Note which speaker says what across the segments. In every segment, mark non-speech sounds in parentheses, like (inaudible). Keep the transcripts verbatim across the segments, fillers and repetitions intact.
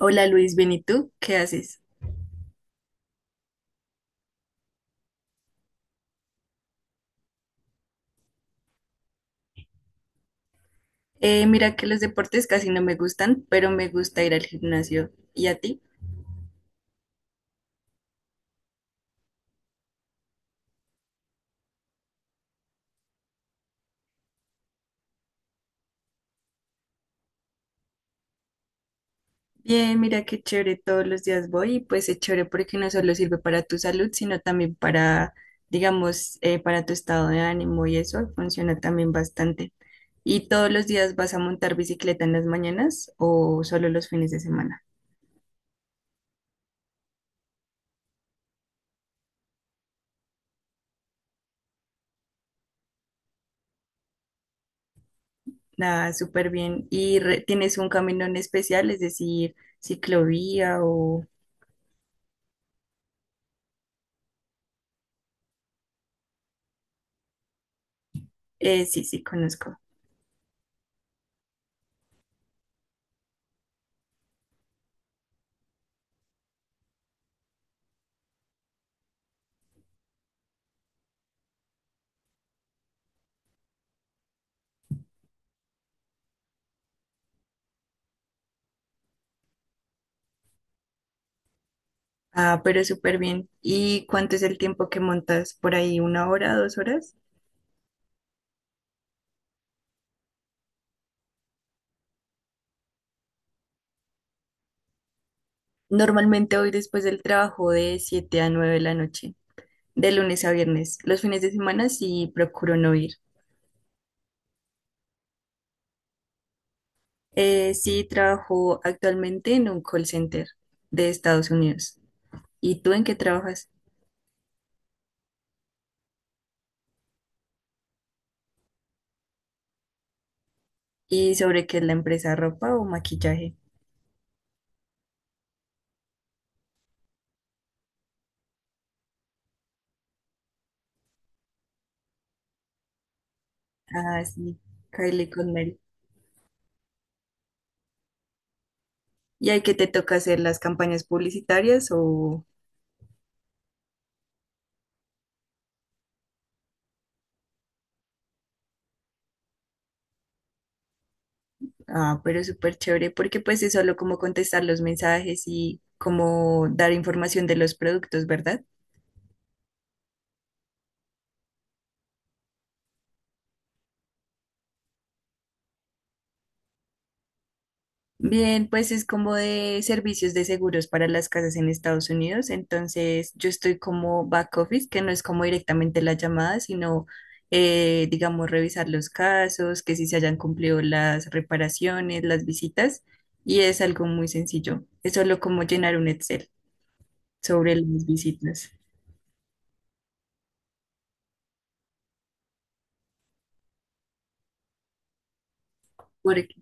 Speaker 1: Hola Luis, bien, ¿y tú? ¿Qué haces? Eh, mira que los deportes casi no me gustan, pero me gusta ir al gimnasio. ¿Y a ti? Bien, mira qué chévere, todos los días voy y pues es chévere porque no solo sirve para tu salud, sino también para, digamos, eh, para tu estado de ánimo y eso funciona también bastante. ¿Y todos los días vas a montar bicicleta en las mañanas o solo los fines de semana? Nada, súper bien. ¿Y re- tienes un camino en especial, es decir, ciclovía o... Eh, sí, sí, conozco. Ah, pero súper bien. ¿Y cuánto es el tiempo que montas? ¿Por ahí una hora, dos horas? Normalmente hoy después del trabajo de siete a nueve de la noche, de lunes a viernes. Los fines de semana sí procuro no ir. Eh, sí, trabajo actualmente en un call center de Estados Unidos. ¿Y tú en qué trabajas? ¿Y sobre qué es la empresa, ropa o maquillaje? Ah, sí, Kylie con Mary. ¿Y hay que te toca hacer las campañas publicitarias o... Ah, pero súper chévere, porque pues es solo como contestar los mensajes y como dar información de los productos, ¿verdad? Bien, pues es como de servicios de seguros para las casas en Estados Unidos, entonces yo estoy como back office, que no es como directamente la llamada, sino eh, digamos revisar los casos, que si se hayan cumplido las reparaciones, las visitas, y es algo muy sencillo, es solo como llenar un Excel sobre las visitas. Porque.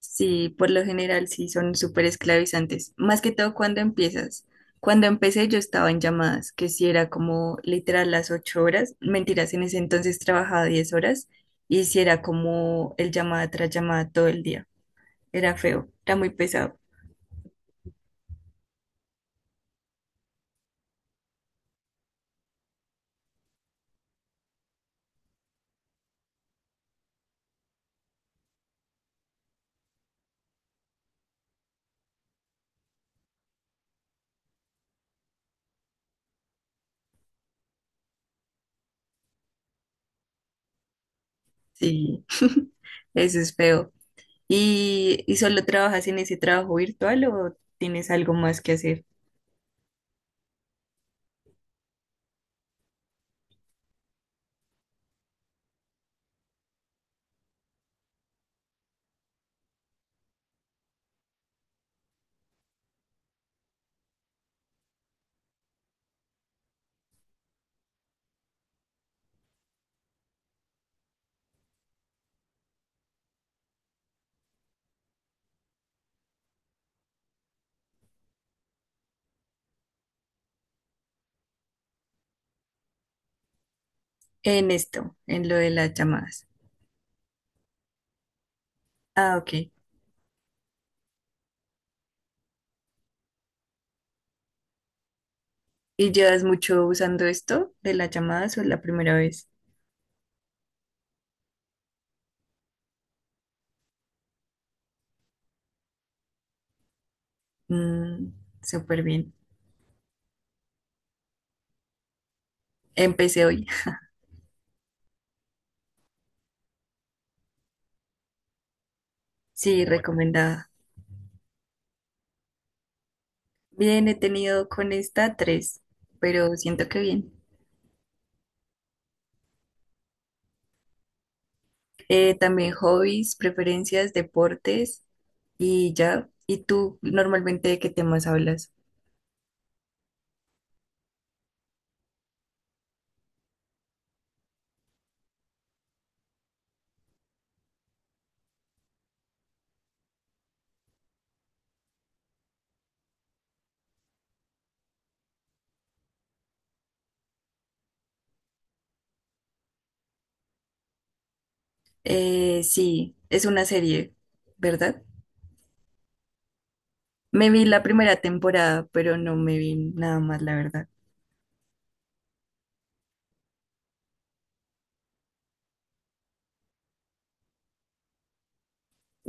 Speaker 1: Sí, por lo general sí son súper esclavizantes. Más que todo cuando empiezas. Cuando empecé yo estaba en llamadas, que sí era como literal las ocho horas. Mentiras, en ese entonces trabajaba diez horas y sí era como el llamada tras llamada todo el día. Era feo, era muy pesado. Sí, (laughs) eso es feo. ¿Y, y solo trabajas en ese trabajo virtual o tienes algo más que hacer en esto, en lo de las llamadas? Ah, ok. ¿Y llevas mucho usando esto de las llamadas o es la primera vez? Mm, súper bien. Empecé hoy. (laughs) Sí, bueno, recomendada. Bien, he tenido con esta tres, pero siento que bien. Eh, también hobbies, preferencias, deportes y ya. ¿Y tú normalmente de qué temas hablas? Eh, sí, es una serie, ¿verdad? Me vi la primera temporada, pero no me vi nada más, la verdad.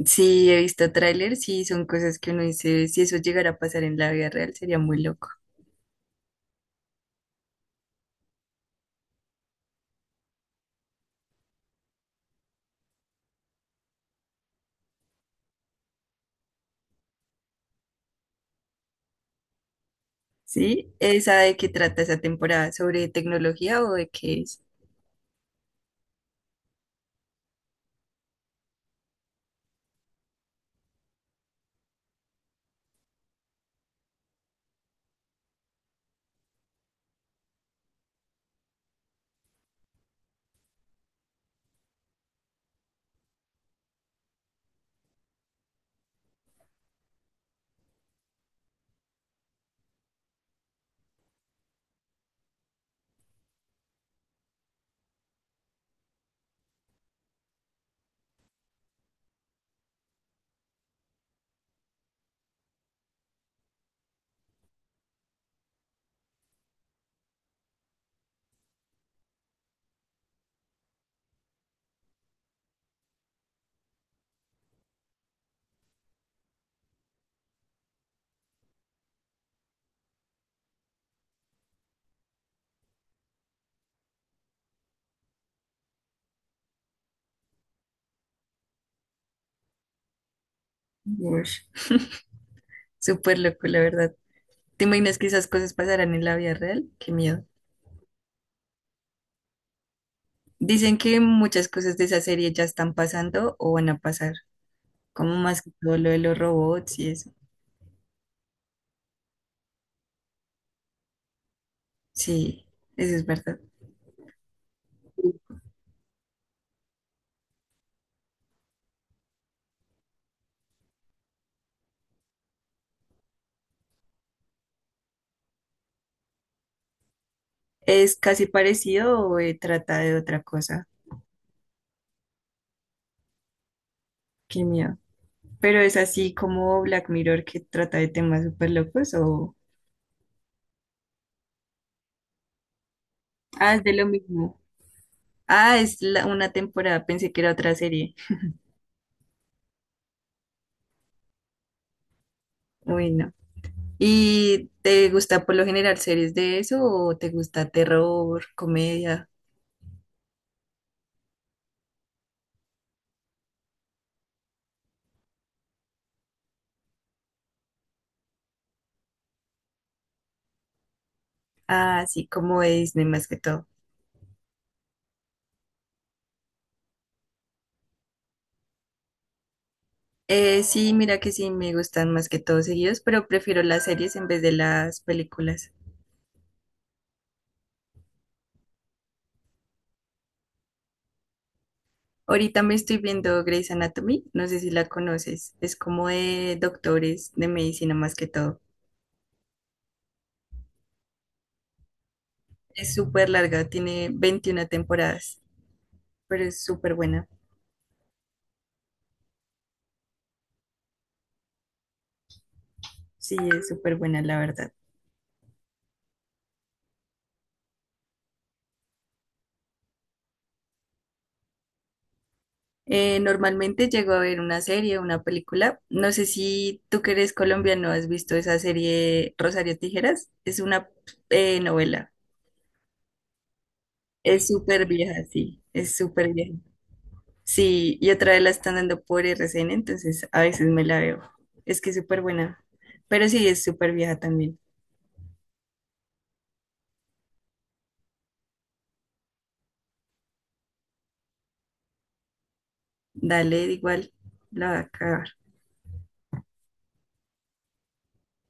Speaker 1: Sí, he visto trailers y son cosas que uno dice, si eso llegara a pasar en la vida real, sería muy loco. ¿Sí? ¿Esa de qué trata esa temporada? ¿Sobre tecnología o de qué es? Ush, súper loco, la verdad. ¿Te imaginas que esas cosas pasarán en la vida real? Qué miedo. Dicen que muchas cosas de esa serie ya están pasando o van a pasar, como más que todo lo de los robots y eso. Sí, eso es verdad. ¿Es casi parecido o eh, trata de otra cosa? Qué miedo. Pero es así como Black Mirror que trata de temas súper locos o... Ah, es de lo mismo. Ah, es la- una temporada, pensé que era otra serie. Bueno. ¿Y te gusta por lo general series de eso o te gusta terror, comedia? Ah, sí, como de Disney más que todo. Eh, sí, mira que sí, me gustan más que todo seguidos, pero prefiero las series en vez de las películas. Ahorita me estoy viendo Grey's Anatomy, no sé si la conoces, es como de doctores de medicina más que todo. Es súper larga, tiene veintiuna temporadas, pero es súper buena. Sí, es súper buena, la verdad. Eh, normalmente llego a ver una serie, una película. No sé si tú que eres colombiano has visto esa serie Rosario Tijeras. Es una eh, novela. Es súper vieja, sí, es súper vieja. Sí, y otra vez la están dando por R C N entonces a veces me la veo. Es que es súper buena, pero sí, es súper vieja también. Dale, igual, la va a acabar.